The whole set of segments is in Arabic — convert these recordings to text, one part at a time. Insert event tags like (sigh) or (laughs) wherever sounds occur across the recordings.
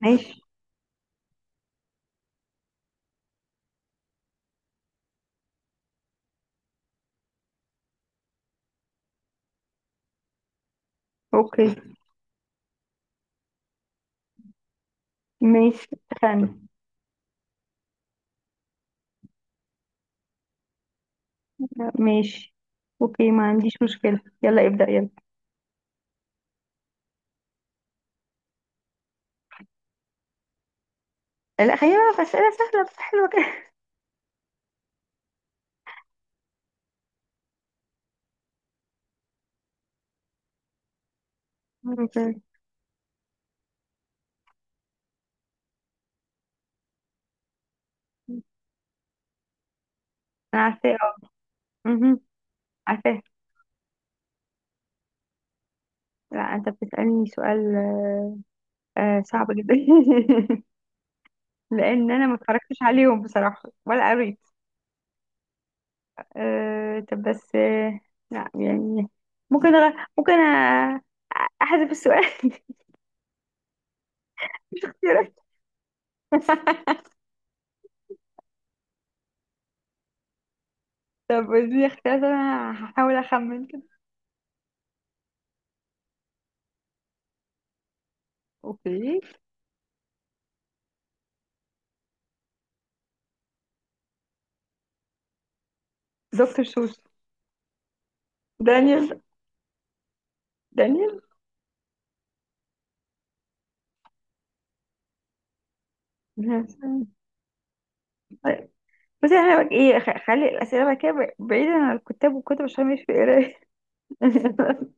ماشي. اوكي. ماشي، اتفقنا. ماشي، اوكي، ما عنديش مشكلة، يلا ابدأ يلا. لا، خلينا بقى في أسئلة سهلة بس حلوة كده. أوكي. انا عارفاه، اه. مهم. عارفاه. لا، انت بتسألني سؤال. صعب جدا. (laughs) لان انا ما اتفرجتش عليهم بصراحة ولا قريت. طب بس. لا، يعني. ممكن ممكن احذف السؤال. (laughs) طب اديني اختيارات، انا هحاول اخمن كده. اوكي. دكتور سوس. دانيال. دانيال. طيب. بس احنا بقى ايه، خلي الاسئله بقى كده بعيدا عن الكتاب والكتب عشان مش في قرايه. (laughs)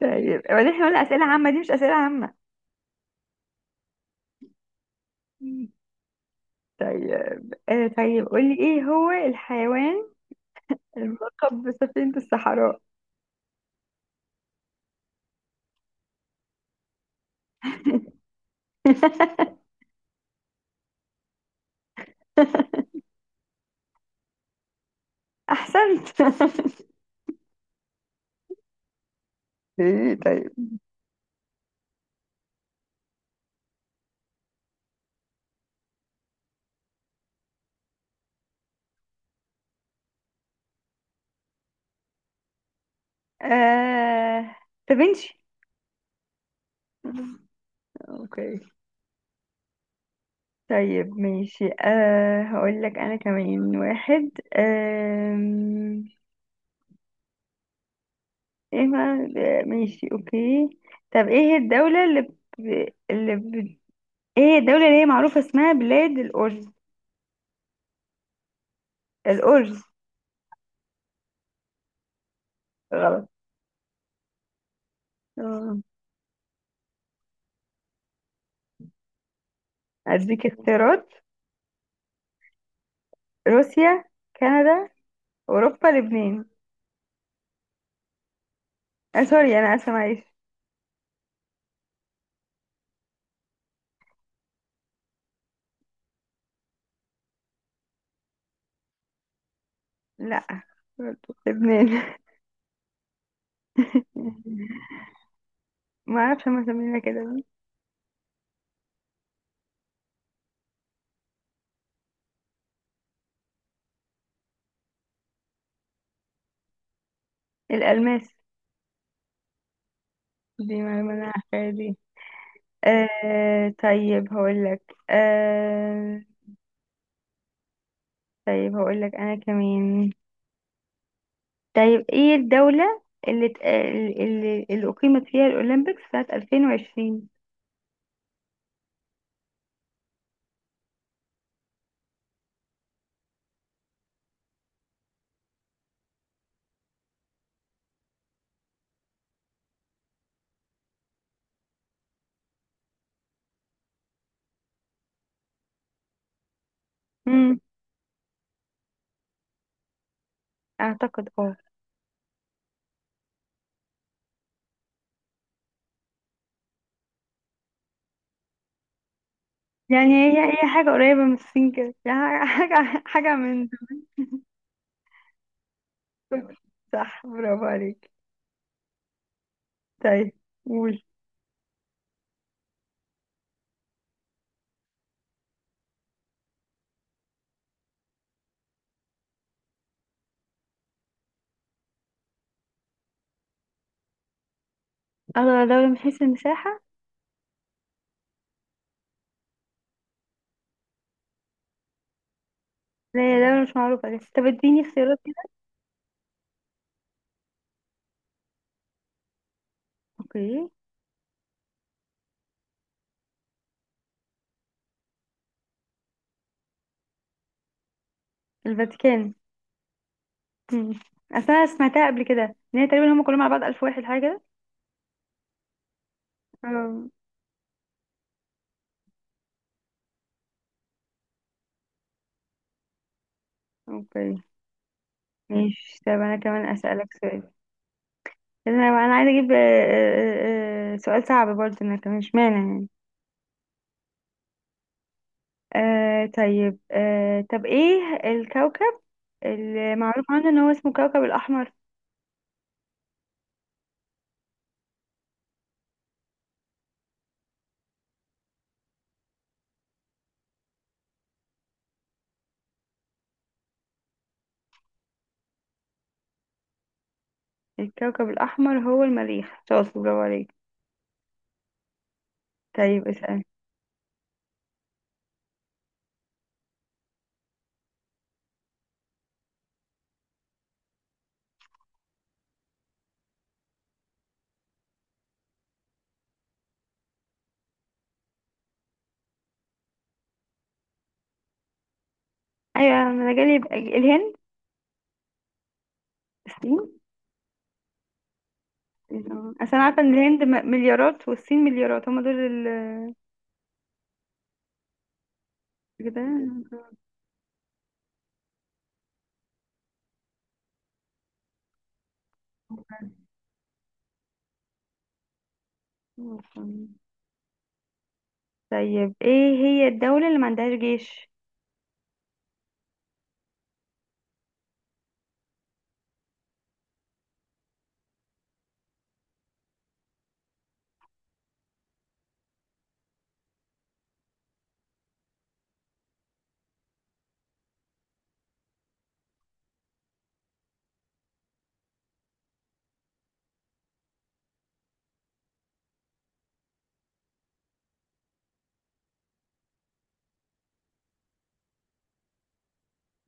طيب، وبعدين احنا قلنا اسئله عامه، دي مش اسئله عامه. طيب، طيب قولي ايه هو الحيوان الملقب بسفينه الصحراء؟ (laughs) احسنت. (laughs) ايه طيب. آه دافنشي. (laughs) اوكي. طيب ماشي، هقول لك انا كمان واحد. أم، ايه، ما ماشي اوكي. طب ايه هي الدولة اللي ب... ايه هي الدولة اللي هي معروفة اسمها بلاد الأرز؟ الأرز. غلط. آه. اديك اختيارات. روسيا، كندا، اوروبا، لبنان. سوري، انا اسفة معلش. لا، برضو لبنان. (laughs) ما اعرفش هما مسمينها كده ليه. الألماس. دي معلومة انا عارفاها دي. طيب هقولك. طيب هقولك أنا كمان. طيب ايه الدولة اللي أقيمت فيها الأولمبيكس سنة 2020؟ امم أعتقد اه. يعني (laughs) هي حاجة قريبة من الصين كده، يعني حاجة حاجة من دول. صح، برافو عليك. طيب قول. أغلى دولة من حيث المساحة. لا هي دولة مش معروفة، بس طب اديني اختيارات كده. اوكي. الفاتيكان. مم. أصل أنا سمعتها قبل كده، إن هي تقريبا هم كلهم على بعض ألف واحد حاجة. اه. اوكي. ماشي طب انا كمان اسألك سؤال. انا انا عايزة اجيب سؤال صعب برضه انا كمان مش معنى يعني. طيب طب ايه الكوكب اللي معروف عنه ان هو اسمه كوكب الاحمر؟ الكوكب الاحمر هو المريخ. شاطر، برافو عليك. طيب اسأل. ايوه، انا جالي يبقى الهند. الصين. اصل انا عارفة ان الهند مليارات والصين مليارات، هما دول. كده. طيب ايه هي الدولة اللي ما عندهاش جيش؟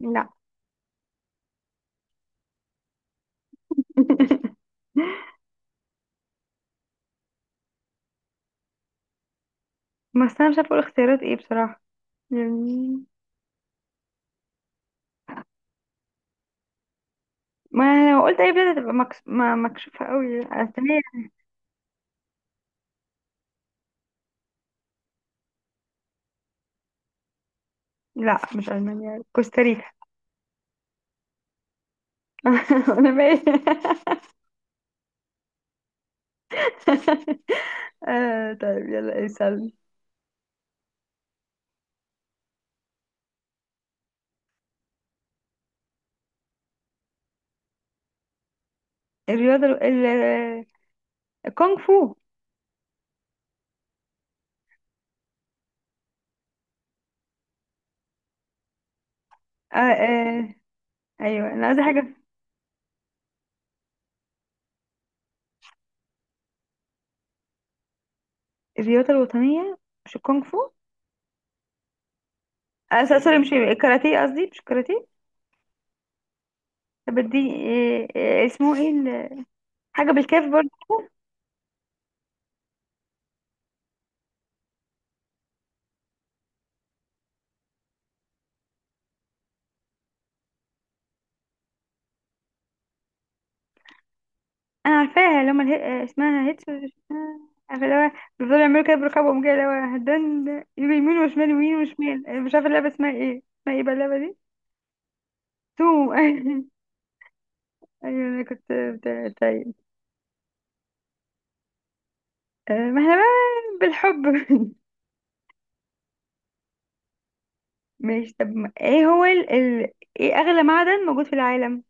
لا. (laughs) بس انا مش عارفه اقول اختيارات ايه بصراحه، يعني. ما لو قلت اي بلد هتبقى ما مكشوفه قوي. اسبانيا. لا مش المانيا، كوستاريكا. (laughs) انا باين. (laughs) طيب يلا اسالني. الرياضه الكونغ فو. آه، آه. ايوه انا عايزه حاجه. الرياضه الوطنيه، مش الكونغ فو. سوري، مش الكاراتيه، قصدي مش الكاراتيه. طب دي اسمه ايه حاجه بالكاف برضه. انا عارفاها، اللي هم اسمها هيتس ولا مش اسمها، عارفه اللي هو بيفضلوا يعملوا كده برقبهم كده، اللي هو دن. يجوا يمين وشمال، يمين وشمال، أنا مش عارفه اللعبه اسمها ايه، اسمها ايه بقى اللعبه دي؟ توم. (laughs) ايوه انا طيب. ما احنا بقى بالحب. (laughs) ماشي طب ايه هو ايه اغلى معدن موجود في العالم؟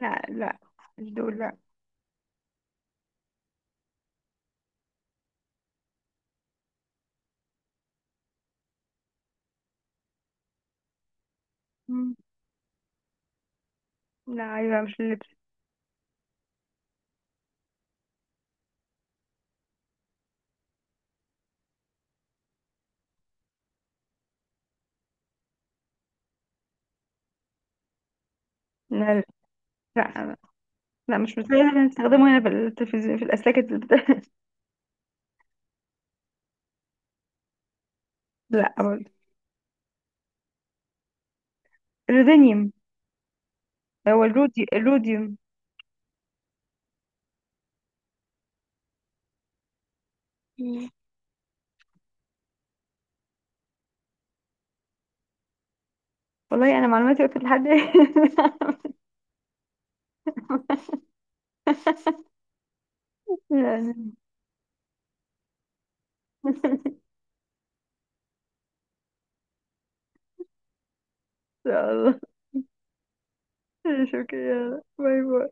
لا، لا، مش دول لا. مم. لا، ايوه مش اللبس. لا، لا، لا، لا، مش بس نستخدمه هنا في التلفزيون في الاسلاك. (laughs) لا، برضه. الرودينيوم. هو الروديوم. مم. والله انا معلوماتي وقفت لحد. (laughs) يعني. ان شاء الله. شكرا، باي باي.